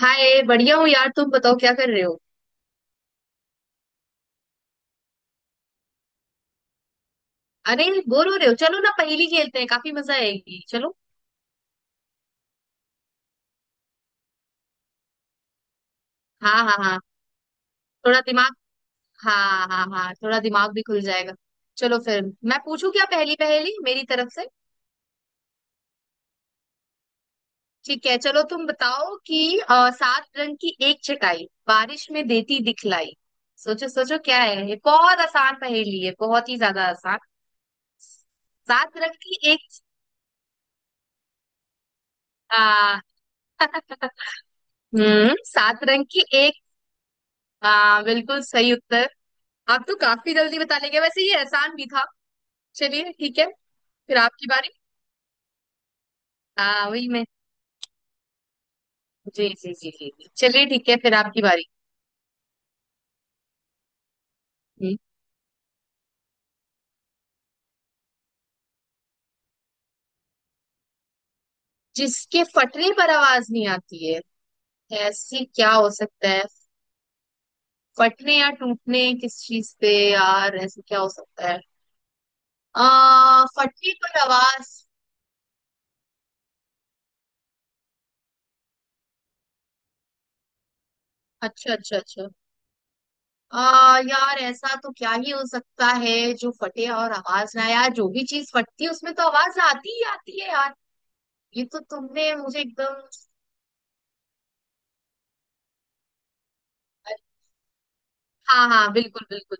हाय बढ़िया हूँ यार। तुम बताओ क्या कर रहे हो? अरे बोर हो रहे हो? चलो ना, पहेली खेलते हैं, काफी मजा आएगी, चलो। हाँ हाँ हाँ, थोड़ा दिमाग। हाँ हाँ हाँ, थोड़ा दिमाग भी खुल जाएगा। चलो फिर। मैं पूछू क्या पहेली? पहेली मेरी तरफ से। ठीक है चलो, तुम बताओ कि सात रंग की एक छटाई बारिश में देती दिखलाई। सोचो सोचो क्या है ये, बहुत आसान पहेली है, बहुत ही ज्यादा आसान। सात रंग की एक। आ, सात रंग की एक। बिल्कुल सही उत्तर। आप तो काफी जल्दी बता लेंगे, वैसे ये आसान भी था। चलिए ठीक है, फिर आपकी बारी। हाँ वही मैं। जी जी जी जी जी। चलिए ठीक है, फिर आपकी बारी। हम्म। जिसके फटने पर आवाज नहीं आती है? ऐसी क्या हो सकता है? फटने या टूटने, किस चीज पे यार, ऐसे क्या हो सकता है? आ फटने पर आवाज। अच्छा अच्छा अच्छा। आ यार ऐसा तो क्या ही हो सकता है? जो फटे और आवाज ना आए? यार जो भी चीज फटती है उसमें तो आवाज आती ही आती है यार। ये तो तुमने मुझे एकदम। हाँ हाँ बिल्कुल बिल्कुल।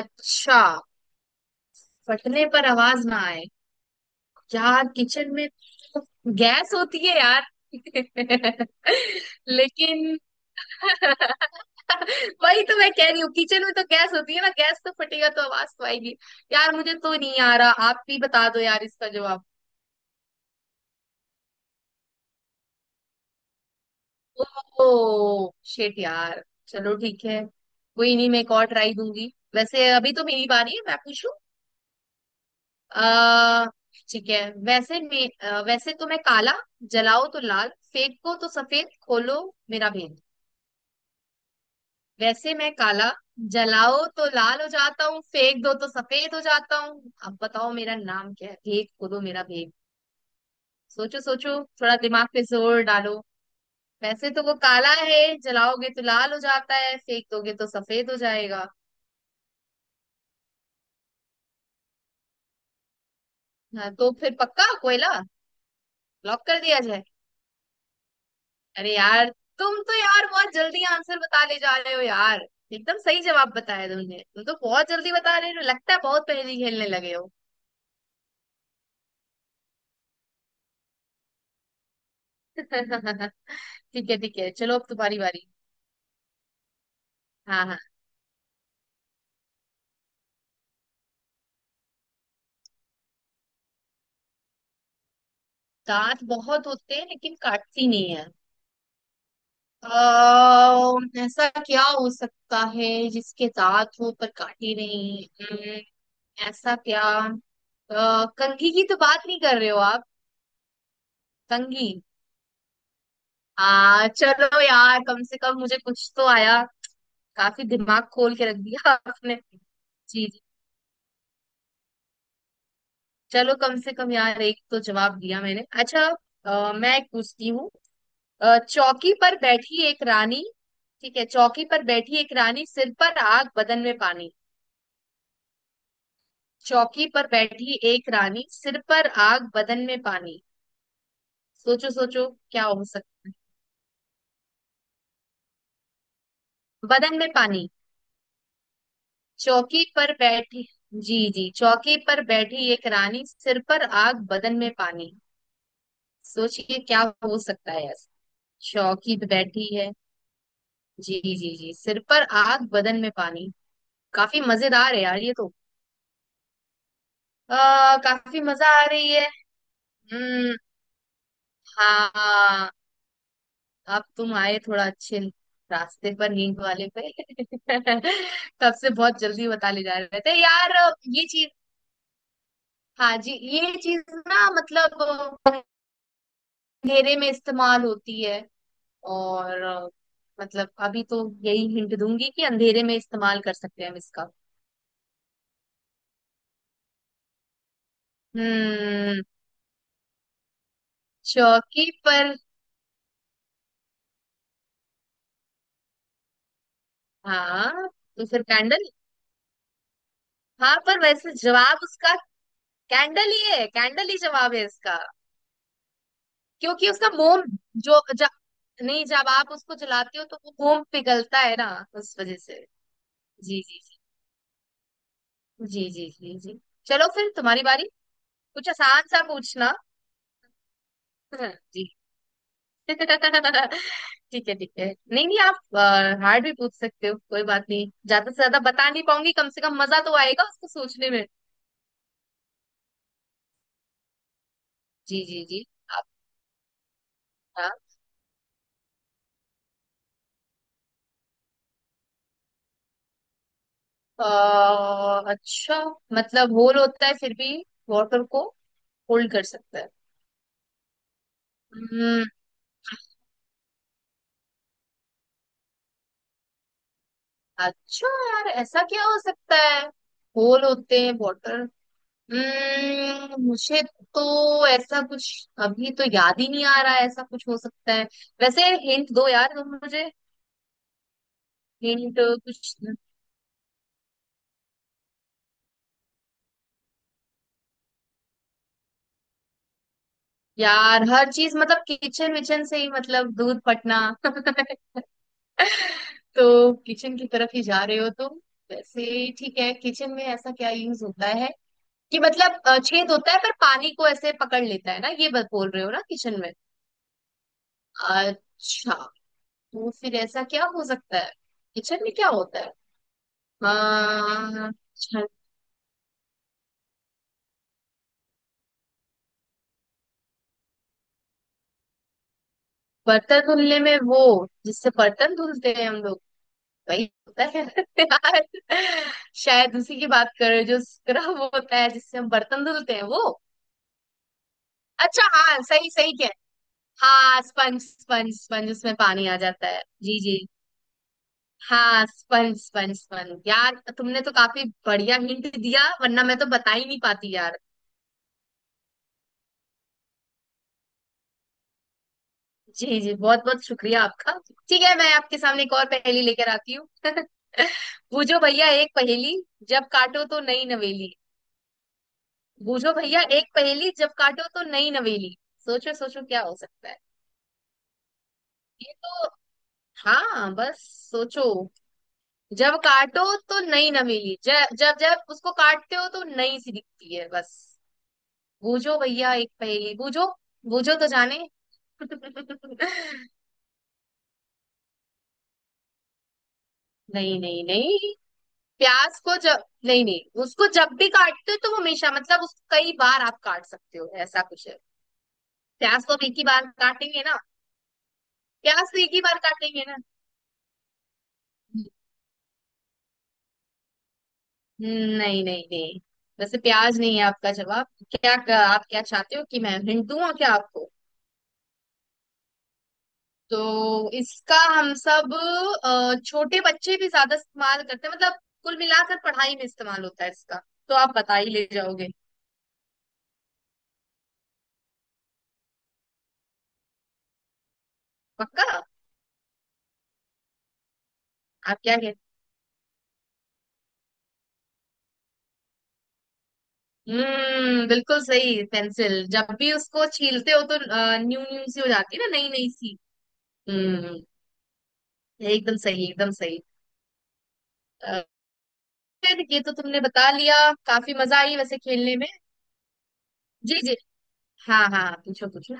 अच्छा, फटने पर आवाज ना आए। यार किचन में तो गैस होती है यार लेकिन। वही तो मैं कह रही हूँ, किचन में तो गैस होती है ना, गैस तो फटेगा तो आवाज तो आएगी। यार मुझे तो नहीं आ रहा, आप भी बता दो यार इसका जवाब। ओ शेट यार, चलो ठीक है। कोई नहीं, मैं एक और ट्राई दूंगी, वैसे अभी तो मेरी बारी है, मैं पूछूं। आ, ठीक है। वैसे वैसे तो मैं काला, जलाओ तो लाल, फेंको तो सफेद, खोलो मेरा भेद। वैसे मैं काला, जलाओ तो लाल हो जाता हूँ, फेंक दो तो सफेद हो जाता हूँ, अब बताओ मेरा नाम क्या है, भेद खोलो मेरा भेद। सोचो सोचो। थोड़ा दिमाग पे जोर डालो। वैसे तो वो काला है, जलाओगे तो लाल हो जाता है, फेंक दोगे तो सफेद हो जाएगा। हाँ, तो फिर पक्का कोयला। लॉक कर दिया जाए। अरे यार, तुम तो यार बहुत जल्दी आंसर बता ले जा रहे हो यार। एकदम सही जवाब बताया तुमने, तुम तो बहुत जल्दी बता रहे हो, लगता है बहुत पहेली खेलने लगे हो। ठीक है ठीक है, चलो अब तुम्हारी बारी। हाँ हाँ। दांत बहुत होते हैं लेकिन काटती नहीं है? अः ऐसा क्या हो सकता है जिसके दांत हो पर काटे नहीं? ऐसा क्या? कंघी की तो बात नहीं कर रहे हो आप? कंघी। आ चलो यार, कम से कम मुझे कुछ तो आया। काफी दिमाग खोल के रख दिया आपने। जी जी। चलो कम से कम यार एक तो जवाब दिया मैंने। अच्छा, मैं एक पूछती हूँ। चौकी पर बैठी एक रानी। ठीक है, चौकी पर बैठी एक रानी, सिर पर आग, बदन में पानी। चौकी पर बैठी एक रानी, सिर पर आग, बदन में पानी। सोचो सोचो क्या हो सकता है? बदन में पानी। चौकी पर बैठी। जी जी, चौकी पर बैठी एक रानी, सिर पर आग, बदन में पानी। सोचिए क्या हो सकता है? शौकीत बैठी है। जी जी जी, सिर पर आग, बदन में पानी। काफी मजेदार है यार ये तो। काफी मजा आ रही है। हम्म। हाँ, अब तुम आए थोड़ा अच्छे रास्ते पर, नींद वाले पे तब से बहुत जल्दी बता ले जा रहे थे यार। ये चीज, हाँ जी ये चीज ना, मतलब अंधेरे में इस्तेमाल होती है। और, मतलब अभी तो यही हिंट दूंगी कि अंधेरे में इस्तेमाल कर सकते हैं हम इसका। हम्म चौकी पर। हाँ तो फिर कैंडल। हाँ पर वैसे जवाब उसका कैंडल ही है, कैंडल ही जवाब है इसका। क्योंकि उसका मोम, जो ज, नहीं जब आप उसको जलाते हो तो वो मोम पिघलता है ना, उस वजह से। जी जी जी जी जी जी जी। चलो फिर तुम्हारी बारी। कुछ आसान सा पूछना। हाँ, जी। ठीक है ठीक है। नहीं नहीं, आप हार्ड भी पूछ सकते हो, कोई बात नहीं, ज्यादा से ज्यादा बता नहीं पाऊंगी, कम से कम मजा तो आएगा उसको सोचने में। जी जी जी। आप। हाँ। अ, अच्छा। मतलब होल होता है, फिर भी वाटर को होल्ड कर सकता है? हम्म अच्छा यार, ऐसा क्या हो सकता है? होल होते हैं वाटर। मुझे तो ऐसा कुछ अभी तो याद ही नहीं आ रहा है, ऐसा कुछ हो सकता है वैसे। हिंट दो यार तुम मुझे, हिंट कुछ। यार हर चीज मतलब किचन विचन से ही मतलब, दूध फटना तो किचन की तरफ ही जा रहे हो तुम। वैसे ठीक है, किचन में ऐसा क्या यूज होता है, कि मतलब छेद होता है पर पानी को ऐसे पकड़ लेता है ना, ये बात बोल रहे हो ना, किचन में? अच्छा, तो फिर ऐसा क्या हो सकता है? किचन में क्या होता है? अ, अच्छा, बर्तन धुलने में वो? जिससे बर्तन धुलते हैं हम लोग, वही होता है यार। शायद उसी की बात कर रहे हो, जो स्क्रब होता है जिससे हम बर्तन धुलते हैं वो। अच्छा हाँ सही सही। हाँ स्पंज स्पंज स्पंज, उसमें पानी आ जाता है, जी जी। हाँ स्पंज स्पंज स्पंज, यार तुमने तो काफी बढ़िया हिंट दिया, वरना मैं तो बता ही नहीं पाती यार। जी जी, बहुत बहुत शुक्रिया आपका। ठीक है, मैं आपके सामने एक और पहेली लेकर आती हूँ। बूझो भैया एक पहेली, जब काटो तो नई नवेली। बूझो भैया एक पहेली, जब काटो तो नई नवेली। सोचो सोचो क्या हो सकता है? ये तो हाँ बस, सोचो। जब काटो तो नई नवेली, जब जब जब उसको काटते हो तो नई सी दिखती है, बस। बूझो भैया एक पहेली, बूझो, बूझो तो जाने। नहीं नहीं नहीं, प्याज को जब, नहीं नहीं उसको जब भी काटते हो तो वो हमेशा मतलब, उसको कई बार आप काट सकते हो, ऐसा कुछ है। प्याज को अब एक ही बार काटेंगे ना। प्याज तो एक ही बार काटेंगे ना। नहीं नहीं नहीं, वैसे प्याज नहीं है आपका जवाब। क्या? आप क्या चाहते हो कि मैं हिंट दूं? और क्या आपको? तो इसका हम सब, छोटे बच्चे भी ज्यादा इस्तेमाल करते हैं, मतलब कुल मिलाकर पढ़ाई में इस्तेमाल होता है इसका, तो आप बता ही ले जाओगे। पक्का। आप क्या कहते। बिल्कुल सही पेंसिल, जब भी उसको छीलते हो तो न्यू न्यू सी हो जाती है ना, नई नई सी। हम्म एकदम सही, एकदम सही। अ, ये तो तुमने बता लिया। काफी मजा आई वैसे खेलने में। जी जी। हाँ हाँ हाँ, पूछो पूछो।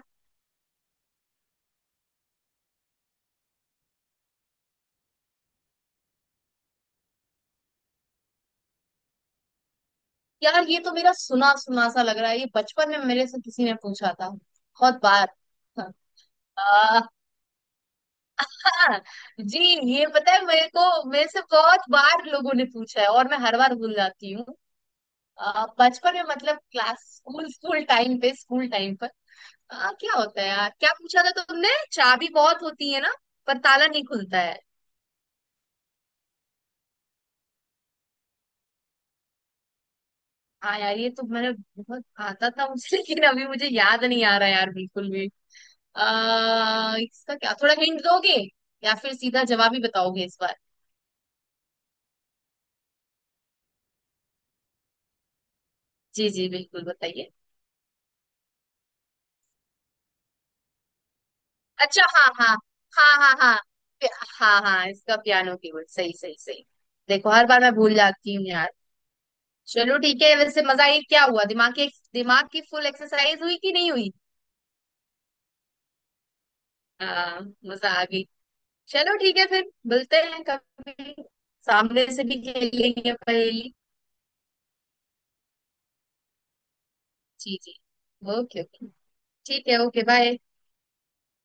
यार ये तो मेरा सुना सुना सा लग रहा है, ये बचपन में मेरे से किसी ने पूछा था बहुत बार। आ, जी, ये पता है मेरे को, मेरे से बहुत बार लोगों ने पूछा है और मैं हर बार भूल जाती हूँ। बचपन में मतलब क्लास, स्कूल स्कूल टाइम पे, स्कूल टाइम पर। क्या होता है यार, क्या पूछा था तुमने, चाबी बहुत होती है ना पर ताला नहीं खुलता है? हाँ यार ये तो मैंने बहुत आता था मुझे, लेकिन अभी मुझे याद नहीं आ रहा यार बिल्कुल भी। इसका क्या थोड़ा हिंट दोगे, या फिर सीधा जवाब ही बताओगे इस बार? जी जी बिल्कुल बताइए। अच्छा हाँ हाँ। हाँ हाँ हाँ। पि- हाँ हाँ, इसका पियानो कीबोर्ड, सही सही सही। देखो हर बार मैं भूल जाती हूँ यार। चलो ठीक है, वैसे मजा आई क्या, हुआ दिमाग की, दिमाग की फुल एक्सरसाइज हुई कि नहीं हुई? हाँ, मजा आ गई। चलो ठीक है, फिर मिलते हैं कभी, सामने से भी खेलेंगे पहेली। जी जी ओके ओके। ठीक है ओके बाय।